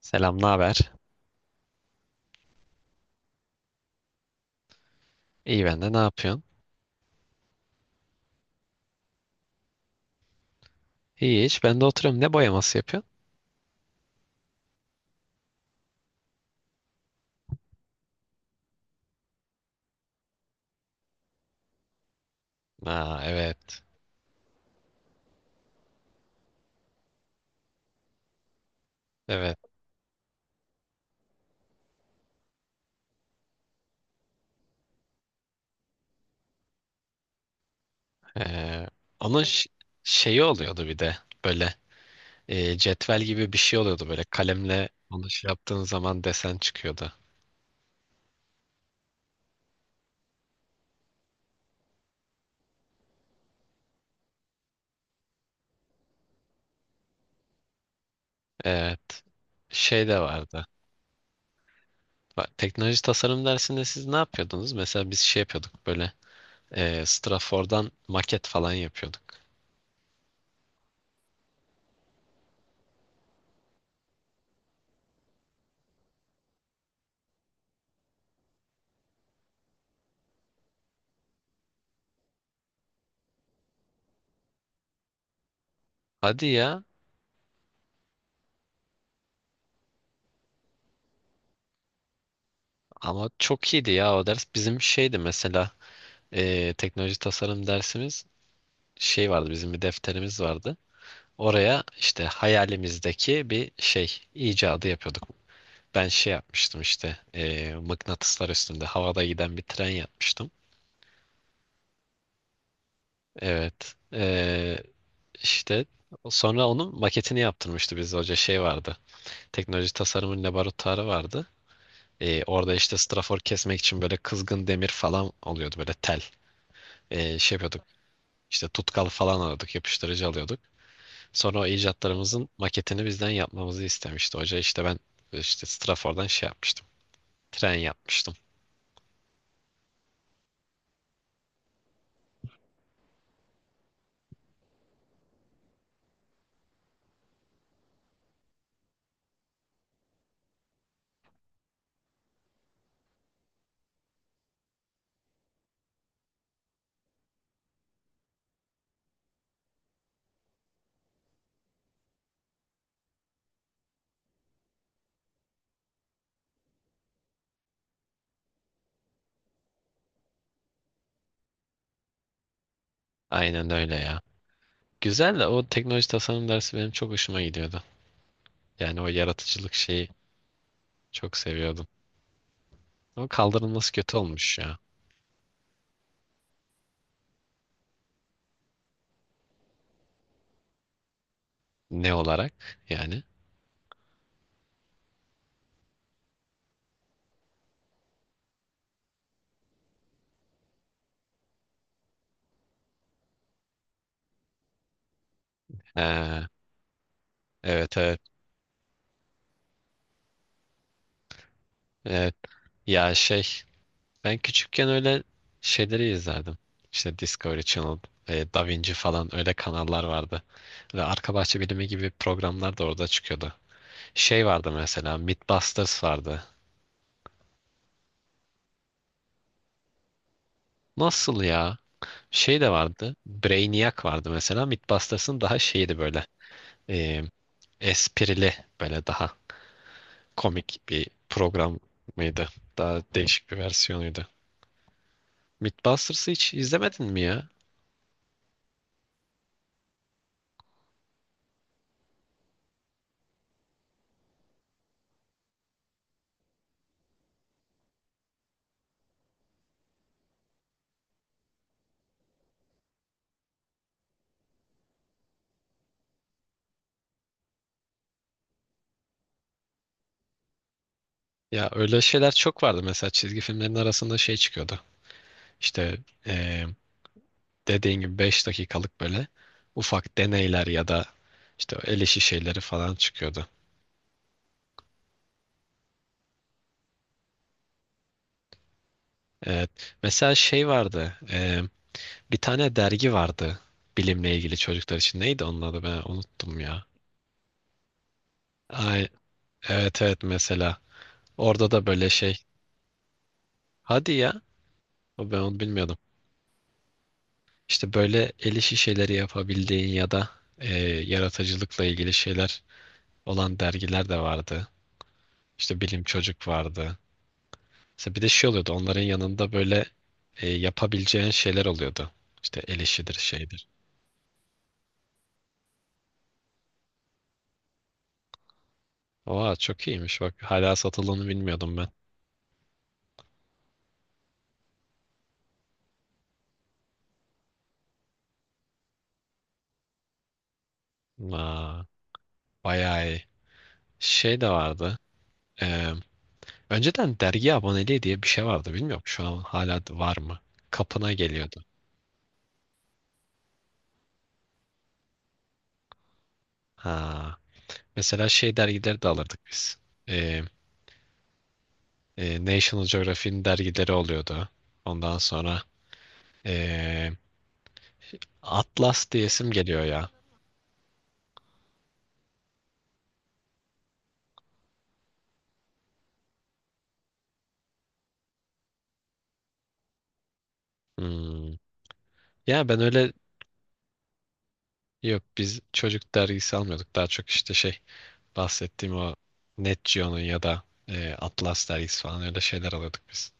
Selam, ne haber? İyi ben de, ne yapıyorsun? İyi, hiç ben de oturuyorum. Ne boyaması yapıyorsun? Aa, evet. Evet. Ee, Onun şeyi oluyordu bir de böyle, cetvel gibi bir şey oluyordu, böyle kalemle onu şey yaptığın zaman desen çıkıyordu. Evet. Şey de vardı. Bak, teknoloji tasarım dersinde siz ne yapıyordunuz? Mesela biz şey yapıyorduk böyle, Strafor'dan maket falan yapıyorduk. Hadi ya, ama çok iyiydi ya o ders. Bizim şeydi mesela, teknoloji tasarım dersimiz. Şey vardı, bizim bir defterimiz vardı. Oraya işte hayalimizdeki bir şey icadı yapıyorduk. Ben şey yapmıştım işte, mıknatıslar üstünde havada giden bir tren yapmıştım. Evet. İşte sonra onun maketini yaptırmıştı biz hoca, şey vardı. Teknoloji tasarımın laboratuvarı vardı. Orada işte strafor kesmek için böyle kızgın demir falan oluyordu, böyle tel. Şey yapıyorduk, işte tutkal falan alıyorduk, yapıştırıcı alıyorduk. Sonra o icatlarımızın maketini bizden yapmamızı istemişti hoca. İşte ben işte Strafor'dan şey yapmıştım. Tren yapmıştım. Aynen öyle ya. Güzel de, o teknoloji tasarım dersi benim çok hoşuma gidiyordu. Yani o yaratıcılık şeyi çok seviyordum. Ama kaldırılması kötü olmuş ya. Ne olarak yani? Ee, evet, evet. Evet. Ya şey, ben küçükken öyle şeyleri izlerdim. İşte Discovery Channel, Da Vinci falan, öyle kanallar vardı. Ve Arka Bahçe Bilimi gibi programlar da orada çıkıyordu. Şey vardı mesela, Mythbusters vardı. Nasıl ya? Şey de vardı. Brainiac vardı mesela. Mythbusters'ın daha şeydi böyle. E, Esprili, böyle daha komik bir program mıydı? Daha değişik bir versiyonuydu. Mythbusters'ı hiç izlemedin mi ya? Ya öyle şeyler çok vardı. Mesela çizgi filmlerin arasında şey çıkıyordu. İşte, e, dediğin gibi 5 dakikalık böyle ufak deneyler ya da işte el işi şeyleri falan çıkıyordu. Evet. Mesela şey vardı. Bir tane dergi vardı. Bilimle ilgili, çocuklar için. Neydi onun adı? Ben unuttum ya. Ay, evet evet, mesela. Orada da böyle şey. Hadi ya. O, ben onu bilmiyordum. İşte böyle el işi şeyleri yapabildiğin ya da, yaratıcılıkla ilgili şeyler olan dergiler de vardı. İşte Bilim Çocuk vardı. Mesela bir de şey oluyordu. Onların yanında böyle, yapabileceğin şeyler oluyordu. İşte el işidir, şeydir. Oha, çok iyiymiş bak. Hala satıldığını bilmiyordum ben. Aa, bayağı iyi. Şey de vardı. Ee, Önceden dergi aboneliği diye bir şey vardı. Bilmiyorum, şu an hala var mı? Kapına geliyordu. Ha. Mesela şey dergileri de alırdık biz. Ee, National Geographic'in dergileri oluyordu. Ondan sonra, ee, Atlas diyesim geliyor ya. Hmm. Ya ben öyle, yok biz çocuk dergisi almıyorduk. Daha çok işte şey, bahsettiğim o Net Geo'nun ya da Atlas dergisi falan, öyle şeyler alıyorduk biz.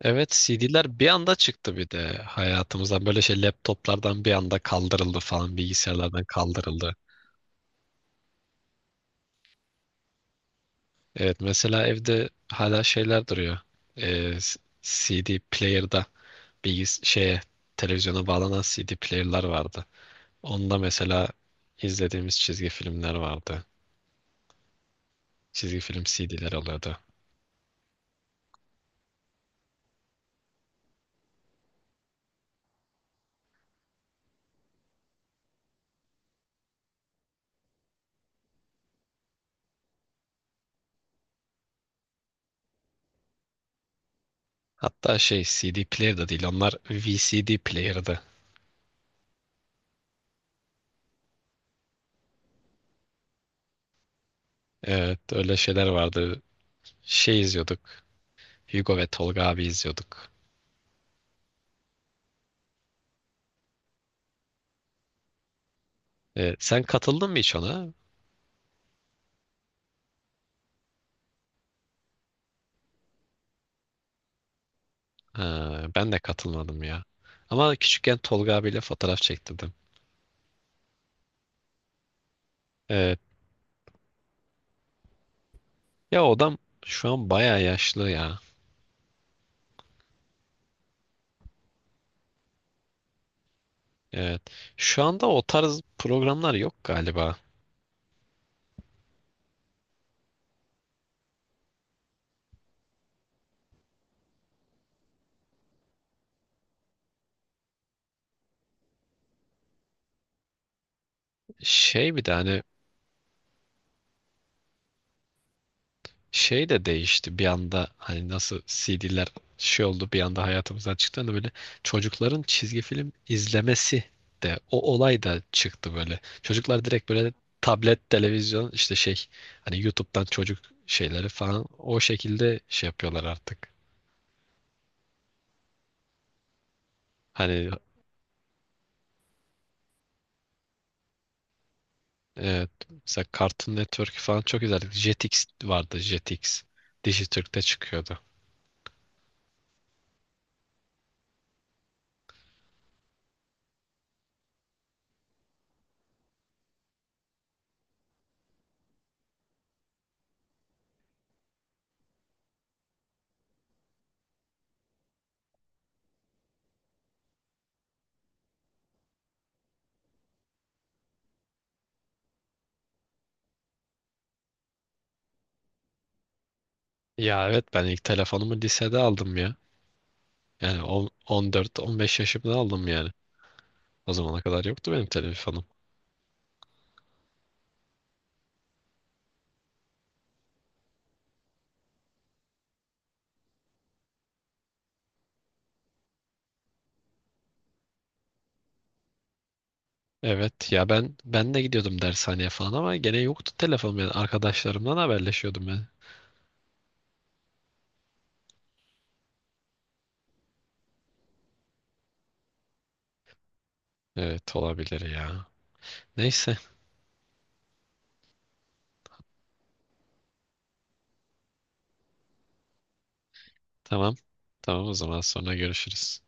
Evet, CD'ler bir anda çıktı, bir de hayatımızdan böyle şey laptoplardan bir anda kaldırıldı falan, bilgisayarlardan kaldırıldı. Evet, mesela evde hala şeyler duruyor. Ee, s- CD player'da, bilgis şeye, televizyona bağlanan CD player'lar vardı. Onda mesela izlediğimiz çizgi filmler vardı. Çizgi film CD'ler oluyordu. Hatta şey, CD player da değil, onlar VCD player'dı. Evet, öyle şeyler vardı. Şey izliyorduk. Hugo ve Tolga abi izliyorduk. Sen katıldın mı hiç ona? Ha, ben de katılmadım ya. Ama küçükken Tolga abiyle fotoğraf çektirdim. Evet. Ya o adam şu an bayağı yaşlı ya. Evet. Şu anda o tarz programlar yok galiba. Şey, bir de hani şey de değişti bir anda, hani nasıl CD'ler şey oldu bir anda hayatımızdan çıktı, hani böyle çocukların çizgi film izlemesi de, o olay da çıktı böyle. Çocuklar direkt böyle tablet, televizyon, işte şey, hani YouTube'dan çocuk şeyleri falan, o şekilde şey yapıyorlar artık. Hani evet, mesela Cartoon Network falan çok izlerdik. Jetix vardı, Jetix. Dijitürk'te çıkıyordu. Ya evet, ben ilk telefonumu lisede aldım ya. Yani 14-15 yaşımda aldım yani. O zamana kadar yoktu benim telefonum. Evet ya, ben de gidiyordum dershaneye falan ama gene yoktu telefonum, yani arkadaşlarımdan haberleşiyordum ben. Evet, olabilir ya. Neyse, tamam. Tamam, o zaman sonra görüşürüz.